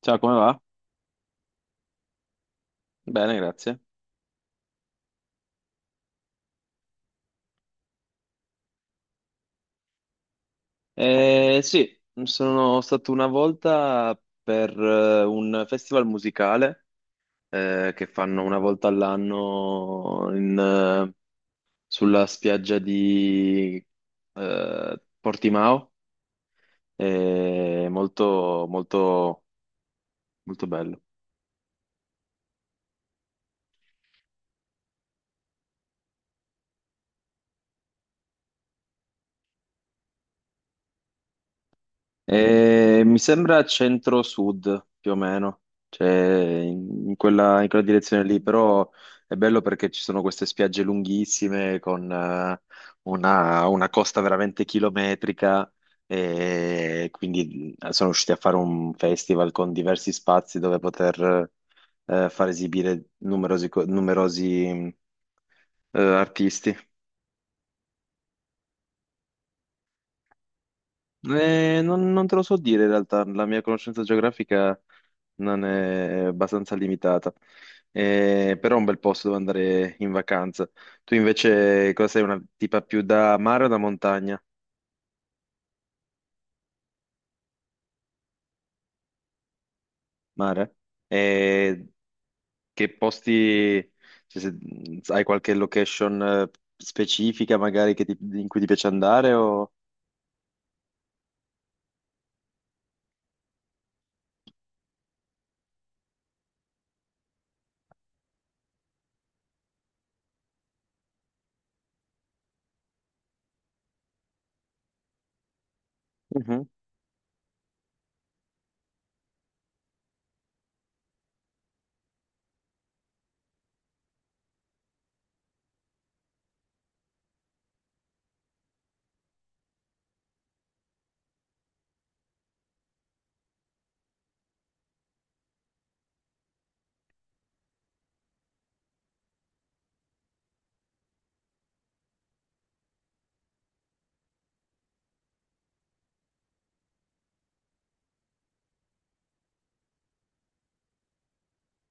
Ciao, come va? Bene, grazie. Sì, sono stato una volta per un festival musicale che fanno una volta all'anno in sulla spiaggia di Portimao. È molto, molto bello. Mi sembra centro-sud più o meno, cioè in quella, in quella direzione lì, però è bello perché ci sono queste spiagge lunghissime con una costa veramente chilometrica e quindi sono riusciti a fare un festival con diversi spazi dove poter far esibire numerosi, artisti. Non te lo so dire in realtà, la mia conoscenza geografica non è abbastanza limitata. Però è un bel posto dove andare in vacanza. Tu invece cosa sei, una tipa più da mare o da montagna? Mare? Eh, che posti, cioè, hai qualche location specifica magari in cui ti piace andare o... Mhm.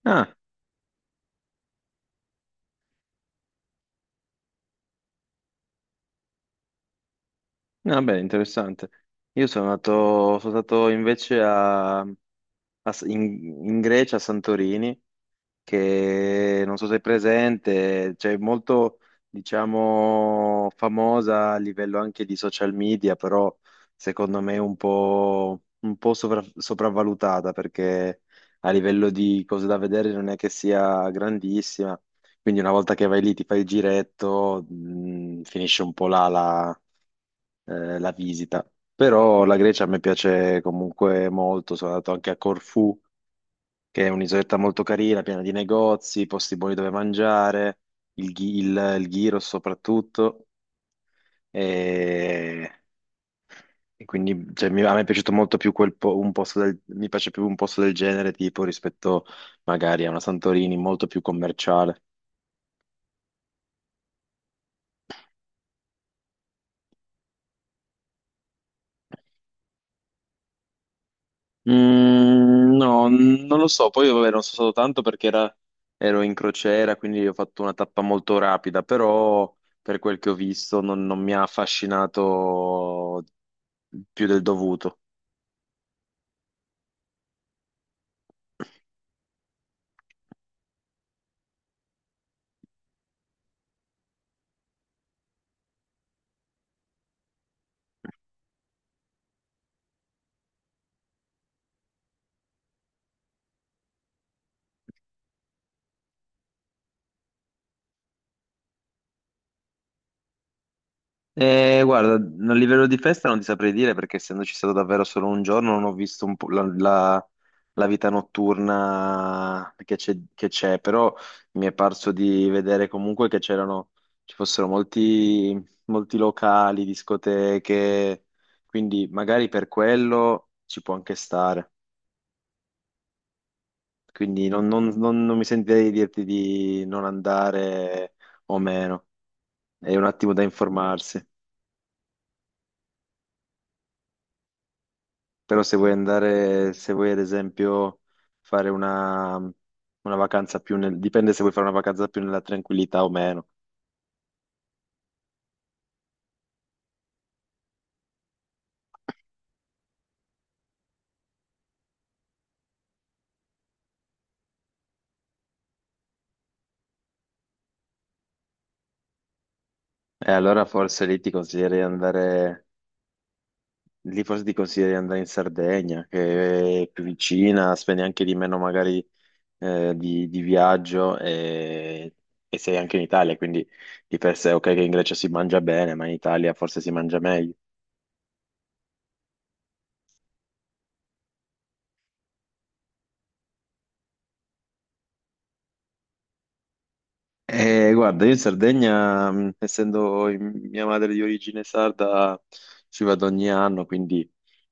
Ah, vabbè, interessante. Io sono stato invece a a S- in, in Grecia, a Santorini, che non so se è presente, cioè molto, diciamo, famosa a livello anche di social media, però secondo me un po' sopravvalutata perché a livello di cose da vedere non è che sia grandissima. Quindi una volta che vai lì, ti fai il giretto, finisce un po' là la visita. Però la Grecia a me piace comunque molto, sono andato anche a Corfù, che è un'isoletta molto carina, piena di negozi, posti buoni dove mangiare, il gyro soprattutto. E, e quindi cioè, a me è piaciuto molto più un posto del, mi piace più un posto del genere tipo rispetto magari a una Santorini molto più commerciale. Mm, no, non lo so. Poi vabbè, non so stato tanto perché ero in crociera, quindi ho fatto una tappa molto rapida, però per quel che ho visto non mi ha affascinato più del dovuto. Guarda, a livello di festa non ti saprei dire perché essendoci stato davvero solo un giorno non ho visto un po' la vita notturna che c'è, però mi è parso di vedere comunque che c'erano, ci fossero molti, molti locali, discoteche, quindi magari per quello ci può anche stare. Quindi non mi sentirei di dirti di non andare o meno, è un attimo da informarsi. Però se vuoi andare, se vuoi ad esempio fare una vacanza più nel, dipende se vuoi fare una vacanza più nella tranquillità o meno. E allora forse lì ti consiglierei di andare, Lì forse ti consiglierei di andare in Sardegna, che è più vicina, spendi anche di meno magari di viaggio e sei anche in Italia, quindi di per sé ok che in Grecia si mangia bene, ma in Italia forse si mangia meglio. Guarda, io in Sardegna, mia madre di origine sarda, ci vado ogni anno, quindi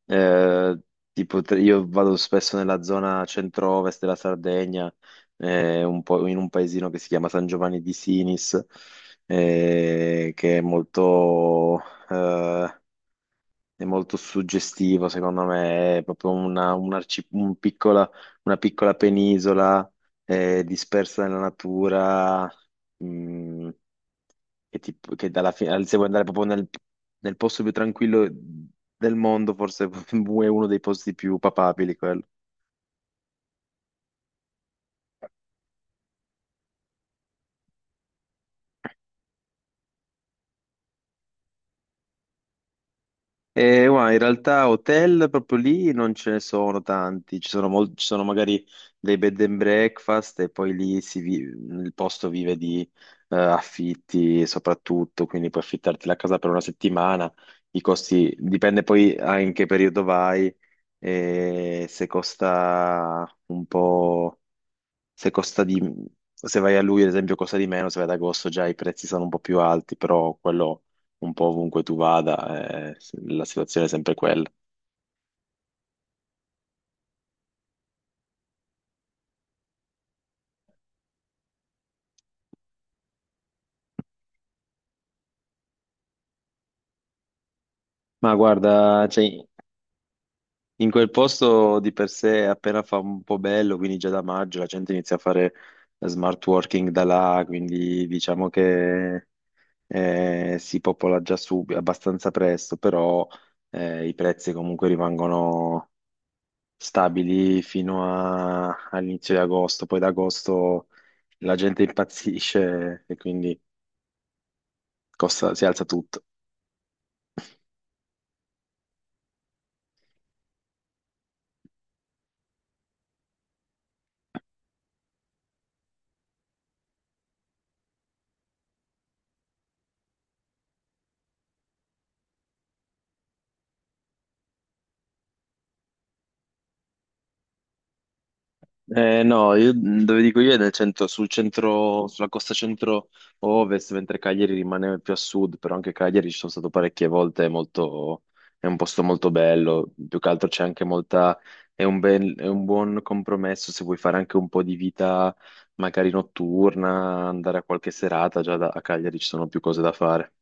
eh, tipo, io vado spesso nella zona centro-ovest della Sardegna, un po' in un paesino che si chiama San Giovanni di Sinis, che eh, è molto suggestivo, secondo me, è proprio una, un arci- un piccola, una piccola penisola dispersa nella natura, mh, che dalla fine, se vuoi andare proprio nel, nel posto più tranquillo del mondo, forse è uno dei posti più papabili quello. Guarda, in realtà hotel proprio lì non ce ne sono tanti, ci sono magari dei bed and breakfast e poi lì il posto vive di affitti soprattutto, quindi puoi affittarti la casa per una settimana, i costi dipende poi a in che periodo vai, e se costa di... se vai a luglio, ad esempio, costa di meno, se vai ad agosto già i prezzi sono un po' più alti, però quello un po' ovunque tu vada, la situazione è sempre quella. Ma guarda, cioè, in quel posto di per sé appena fa un po' bello, quindi già da maggio la gente inizia a fare smart working da là, quindi diciamo che si popola già subito, abbastanza presto, però i prezzi comunque rimangono stabili all'inizio di agosto, poi da agosto la gente impazzisce e quindi si alza tutto. No, io dove dico io è sul centro, sulla costa centro-ovest, mentre Cagliari rimane più a sud, però anche Cagliari ci sono stato parecchie volte, è un posto molto bello, più che altro c'è anche molta, è un buon compromesso se vuoi fare anche un po' di vita magari notturna, andare a qualche serata, a Cagliari ci sono più cose da fare.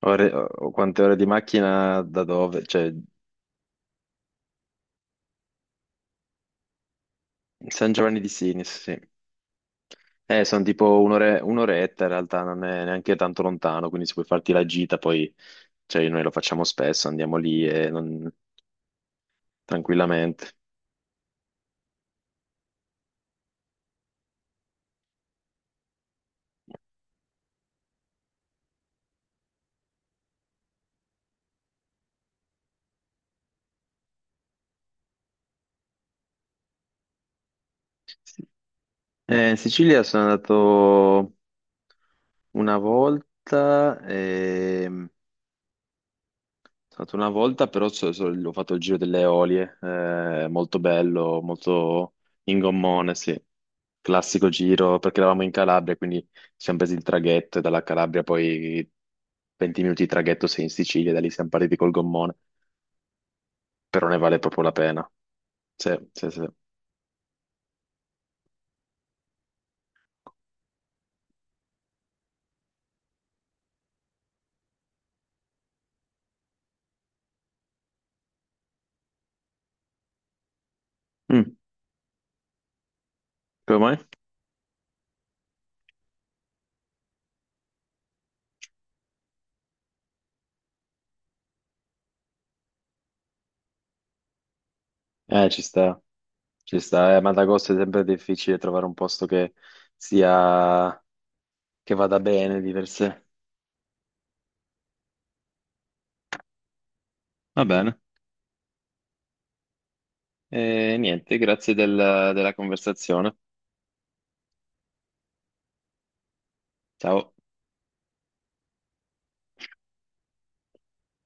Quante ore di macchina da dove? Cioè, San Giovanni di Sinis, sì. Sono tipo un'oretta in realtà, non è neanche tanto lontano, quindi se puoi farti la gita, poi cioè, noi lo facciamo spesso, andiamo lì e non- tranquillamente. Sì. In Sicilia sono andato una volta, stato una volta, però ho fatto il giro delle Eolie, molto bello, molto in gommone, sì. Classico giro, perché eravamo in Calabria, quindi ci siamo presi il traghetto e dalla Calabria poi 20 minuti di traghetto sei in Sicilia, da lì siamo partiti col gommone, però ne vale proprio la pena. Sì, sì, sì. Mm, come mai? Ci sta, ci sta. Ad agosto è sempre difficile trovare un posto sia, che vada bene di per sé. Va bene. E niente, della conversazione. Ciao.